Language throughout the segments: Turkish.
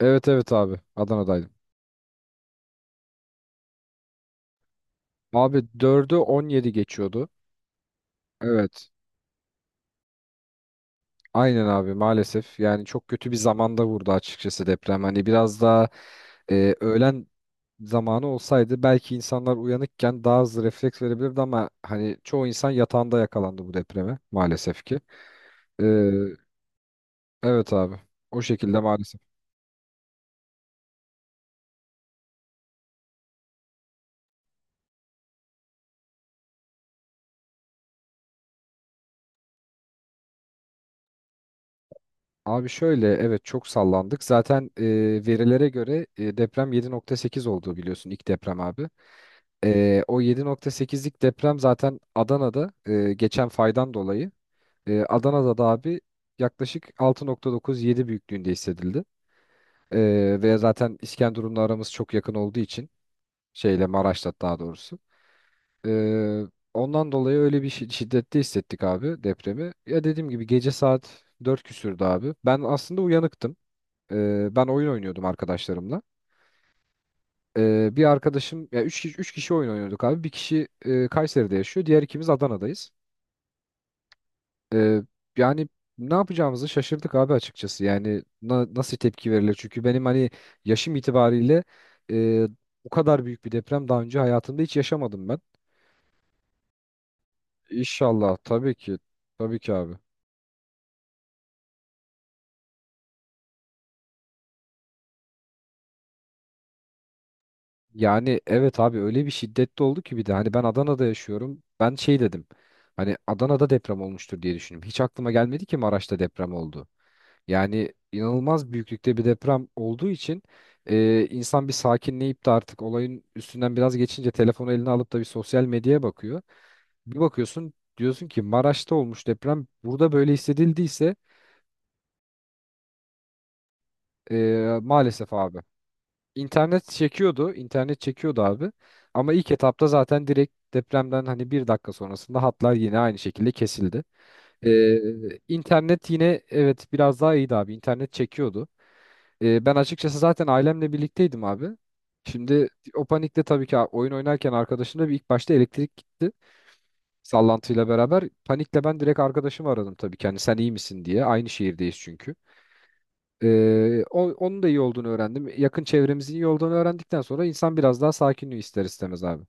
Evet evet abi. Adana'daydım. Abi dördü 17 geçiyordu. Evet. Aynen abi maalesef. Yani çok kötü bir zamanda vurdu açıkçası deprem. Hani biraz daha öğlen zamanı olsaydı belki insanlar uyanıkken daha hızlı refleks verebilirdi ama hani çoğu insan yatağında yakalandı bu depreme maalesef ki. E, evet abi. O şekilde maalesef. Abi şöyle evet çok sallandık. Zaten verilere göre deprem 7.8 olduğu biliyorsun ilk deprem abi. O 7.8'lik deprem zaten Adana'da geçen faydan dolayı Adana'da da abi yaklaşık 6.9-7 büyüklüğünde hissedildi. Ve zaten İskenderun'la aramız çok yakın olduğu için şeyle Maraş'la daha doğrusu. Ee, ondan dolayı öyle bir şiddette hissettik abi depremi. Ya dediğim gibi gece saat 4 küsürdü abi. Ben aslında uyanıktım. Ben oyun oynuyordum arkadaşlarımla. Bir arkadaşım ya 3 kişi, üç kişi oyun oynuyorduk abi. Bir kişi Kayseri'de yaşıyor. Diğer ikimiz Adana'dayız. Ee, yani ne yapacağımızı şaşırdık abi açıkçası. Yani nasıl tepki verilir? Çünkü benim hani yaşım itibariyle e, bu kadar büyük bir deprem daha önce hayatımda hiç yaşamadım ben. İnşallah tabii ki. Tabii ki abi. Yani evet abi öyle bir şiddetli oldu ki bir de hani ben Adana'da yaşıyorum. Ben şey dedim. Hani Adana'da deprem olmuştur diye düşündüm. Hiç aklıma gelmedi ki Maraş'ta deprem oldu. Yani inanılmaz büyüklükte bir deprem olduğu için insan bir sakinleyip de artık olayın üstünden biraz geçince telefonu eline alıp da bir sosyal medyaya bakıyor. Bir bakıyorsun diyorsun ki Maraş'ta olmuş deprem burada böyle hissedildiyse maalesef abi. İnternet çekiyordu, internet çekiyordu abi. Ama ilk etapta zaten direkt depremden hani bir dakika sonrasında hatlar yine aynı şekilde kesildi. Ee, internet yine evet biraz daha iyiydi abi. İnternet çekiyordu. Ben açıkçası zaten ailemle birlikteydim abi. Şimdi o panikte tabii ki oyun oynarken arkadaşımda bir ilk başta elektrik gitti. Sallantıyla beraber. Panikle ben direkt arkadaşımı aradım tabii ki. Hani sen iyi misin diye. Aynı şehirdeyiz çünkü. Onun da iyi olduğunu öğrendim. Yakın çevremizin iyi olduğunu öğrendikten sonra insan biraz daha sakinliği ister istemez abi.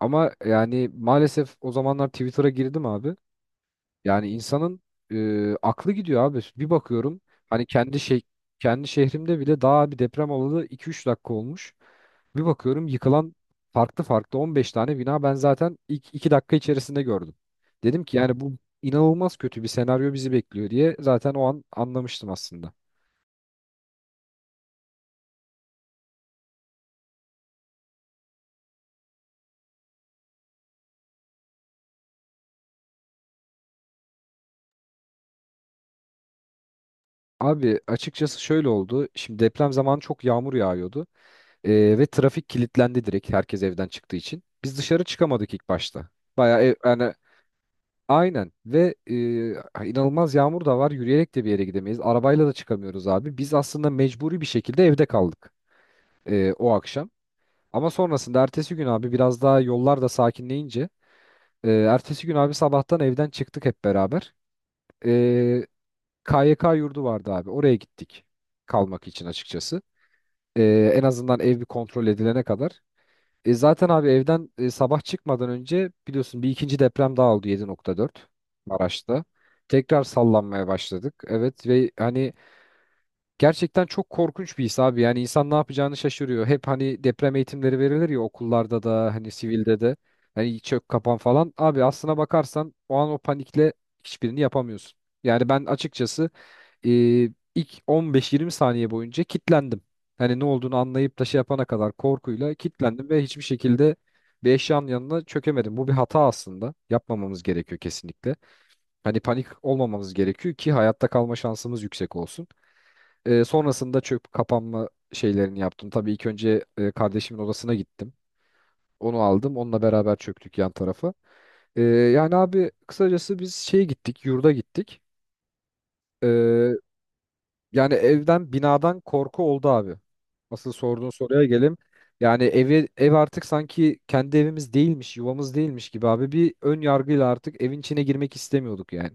Ama yani maalesef o zamanlar Twitter'a girdim abi. Yani insanın aklı gidiyor abi. Bir bakıyorum hani kendi şehrimde bile daha bir deprem olalı 2 üç dakika olmuş. Bir bakıyorum yıkılan farklı farklı 15 tane bina ben zaten ilk 2 dakika içerisinde gördüm. Dedim ki yani bu inanılmaz kötü bir senaryo bizi bekliyor diye zaten o an anlamıştım aslında. Abi açıkçası şöyle oldu. Şimdi deprem zamanı çok yağmur yağıyordu. Ve trafik kilitlendi direkt herkes evden çıktığı için. Biz dışarı çıkamadık ilk başta. Bayağı ev, yani aynen ve inanılmaz yağmur da var. Yürüyerek de bir yere gidemeyiz. Arabayla da çıkamıyoruz abi. Biz aslında mecburi bir şekilde evde kaldık o akşam. Ama sonrasında ertesi gün abi biraz daha yollar da sakinleyince ertesi gün abi sabahtan evden çıktık hep beraber. E, KYK yurdu vardı abi. Oraya gittik kalmak için açıkçası. E, en azından ev bir kontrol edilene kadar. E, zaten abi evden sabah çıkmadan önce biliyorsun bir ikinci deprem daha oldu 7.4 Maraş'ta. Tekrar sallanmaya başladık. Evet ve hani gerçekten çok korkunç bir his abi. Yani insan ne yapacağını şaşırıyor. Hep hani deprem eğitimleri verilir ya okullarda da hani sivilde de. Hani çök kapan falan. Abi aslına bakarsan o an o panikle hiçbirini yapamıyorsun. Yani ben açıkçası e, ilk 15-20 saniye boyunca kitlendim. Hani ne olduğunu anlayıp da şey yapana kadar korkuyla kitlendim ve hiçbir şekilde bir eşyanın yanına çökemedim. Bu bir hata aslında. Yapmamamız gerekiyor kesinlikle. Hani panik olmamamız gerekiyor ki hayatta kalma şansımız yüksek olsun. E, sonrasında çöp kapanma şeylerini yaptım. Tabii ilk önce kardeşimin odasına gittim. Onu aldım. Onunla beraber çöktük yan tarafa. E, yani abi kısacası biz şeye gittik, yurda gittik. E, Yani evden binadan korku oldu abi. Asıl sorduğun soruya gelim. Yani evi ev artık sanki kendi evimiz değilmiş, yuvamız değilmiş gibi abi. Bir ön yargıyla artık evin içine girmek istemiyorduk yani.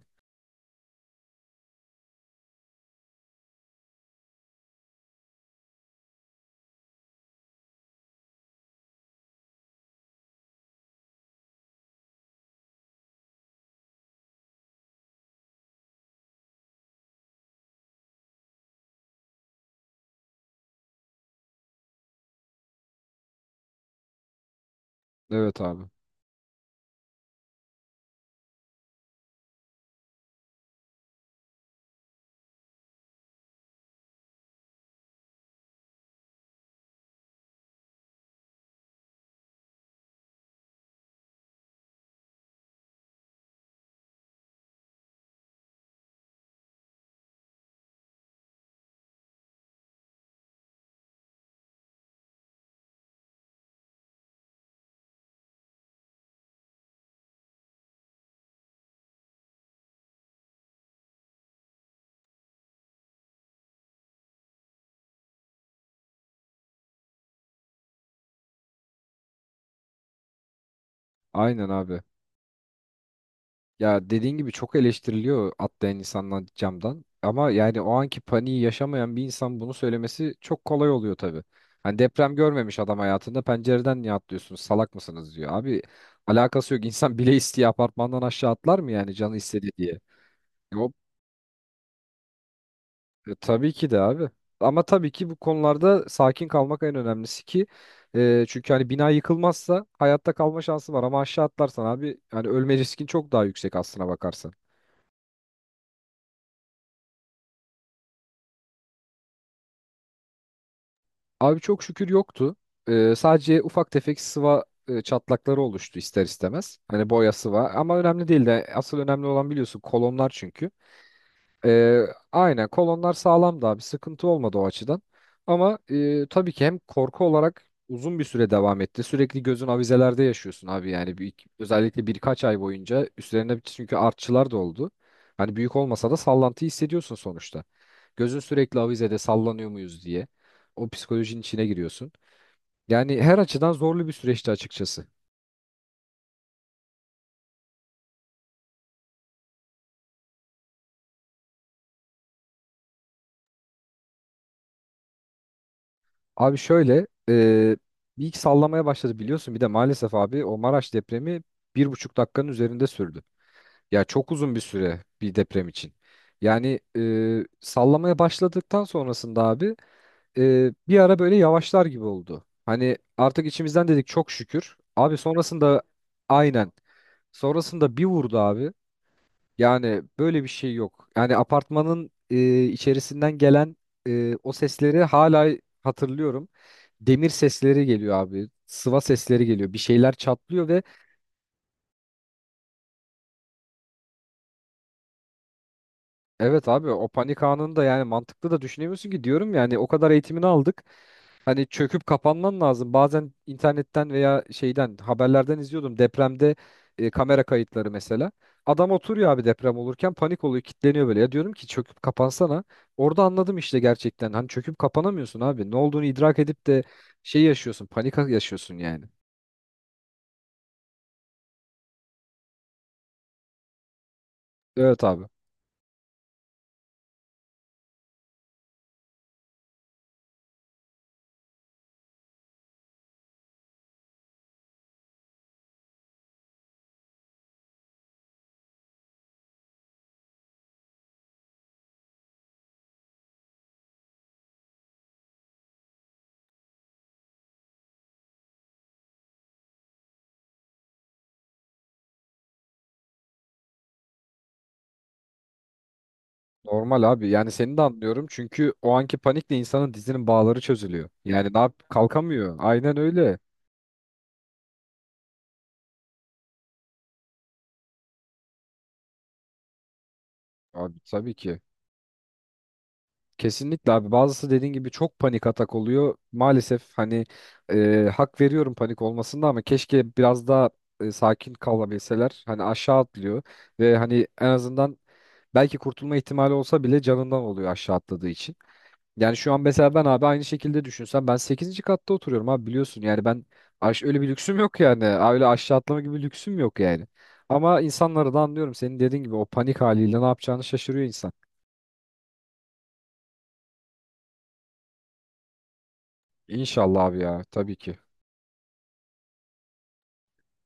Evet abi. Aynen abi. Ya dediğin gibi çok eleştiriliyor atlayan insanlar camdan. Ama yani o anki paniği yaşamayan bir insan bunu söylemesi çok kolay oluyor tabii. Hani deprem görmemiş adam hayatında pencereden niye atlıyorsunuz salak mısınız diyor. Abi alakası yok, insan bile isteye apartmandan aşağı atlar mı yani canı istedi diye. Hop, tabii ki de abi. Ama tabii ki bu konularda sakin kalmak en önemlisi ki çünkü hani bina yıkılmazsa hayatta kalma şansı var ama aşağı atlarsan abi hani ölme riskin çok daha yüksek aslına bakarsan. Abi çok şükür yoktu. E, sadece ufak tefek sıva çatlakları oluştu ister istemez. Hani boya sıva ama önemli değil de asıl önemli olan biliyorsun kolonlar çünkü. Ee, aynen kolonlar sağlamdı abi sıkıntı olmadı o açıdan. Ama tabii ki hem korku olarak uzun bir süre devam etti. Sürekli gözün avizelerde yaşıyorsun abi yani bir, özellikle birkaç ay boyunca üstlerine çünkü artçılar da oldu. Hani büyük olmasa da sallantıyı hissediyorsun sonuçta. Gözün sürekli avizede sallanıyor muyuz diye o psikolojinin içine giriyorsun. Yani her açıdan zorlu bir süreçti açıkçası. Abi şöyle bir iki sallamaya başladı biliyorsun bir de maalesef abi o Maraş depremi 1,5 dakikanın üzerinde sürdü. Ya çok uzun bir süre bir deprem için. Yani sallamaya başladıktan sonrasında abi bir ara böyle yavaşlar gibi oldu. Hani artık içimizden dedik çok şükür. Abi sonrasında aynen. Sonrasında bir vurdu abi. Yani böyle bir şey yok. Yani apartmanın içerisinden gelen o sesleri hala hatırlıyorum. Demir sesleri geliyor abi. Sıva sesleri geliyor. Bir şeyler çatlıyor ve evet abi o panik anında yani mantıklı da düşünemiyorsun ki diyorum yani o kadar eğitimini aldık. Hani çöküp kapanman lazım. Bazen internetten veya şeyden haberlerden izliyordum depremde kamera kayıtları mesela. Adam oturuyor abi deprem olurken panik oluyor, kilitleniyor böyle. Ya diyorum ki çöküp kapansana. Orada anladım işte gerçekten. Hani çöküp kapanamıyorsun abi. Ne olduğunu idrak edip de şey yaşıyorsun, panik yaşıyorsun yani. Evet abi. Normal abi. Yani seni de anlıyorum. Çünkü o anki panikle insanın dizinin bağları çözülüyor. Yani ne yap kalkamıyor. Aynen öyle. Abi tabii ki. Kesinlikle abi. Bazısı dediğin gibi çok panik atak oluyor. Maalesef hani hak veriyorum panik olmasında ama keşke biraz daha sakin kalabilseler. Hani aşağı atlıyor ve hani en azından belki kurtulma ihtimali olsa bile canından oluyor aşağı atladığı için. Yani şu an mesela ben abi aynı şekilde düşünsem ben sekizinci katta oturuyorum abi biliyorsun yani ben öyle bir lüksüm yok yani, öyle aşağı atlama gibi bir lüksüm yok yani. Ama insanları da anlıyorum senin dediğin gibi o panik haliyle ne yapacağını şaşırıyor insan. İnşallah abi ya tabii ki.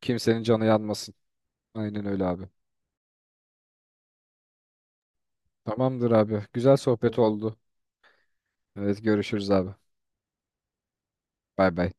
Kimsenin canı yanmasın. Aynen öyle abi. Tamamdır abi. Güzel sohbet oldu. Evet görüşürüz abi. Bay bay.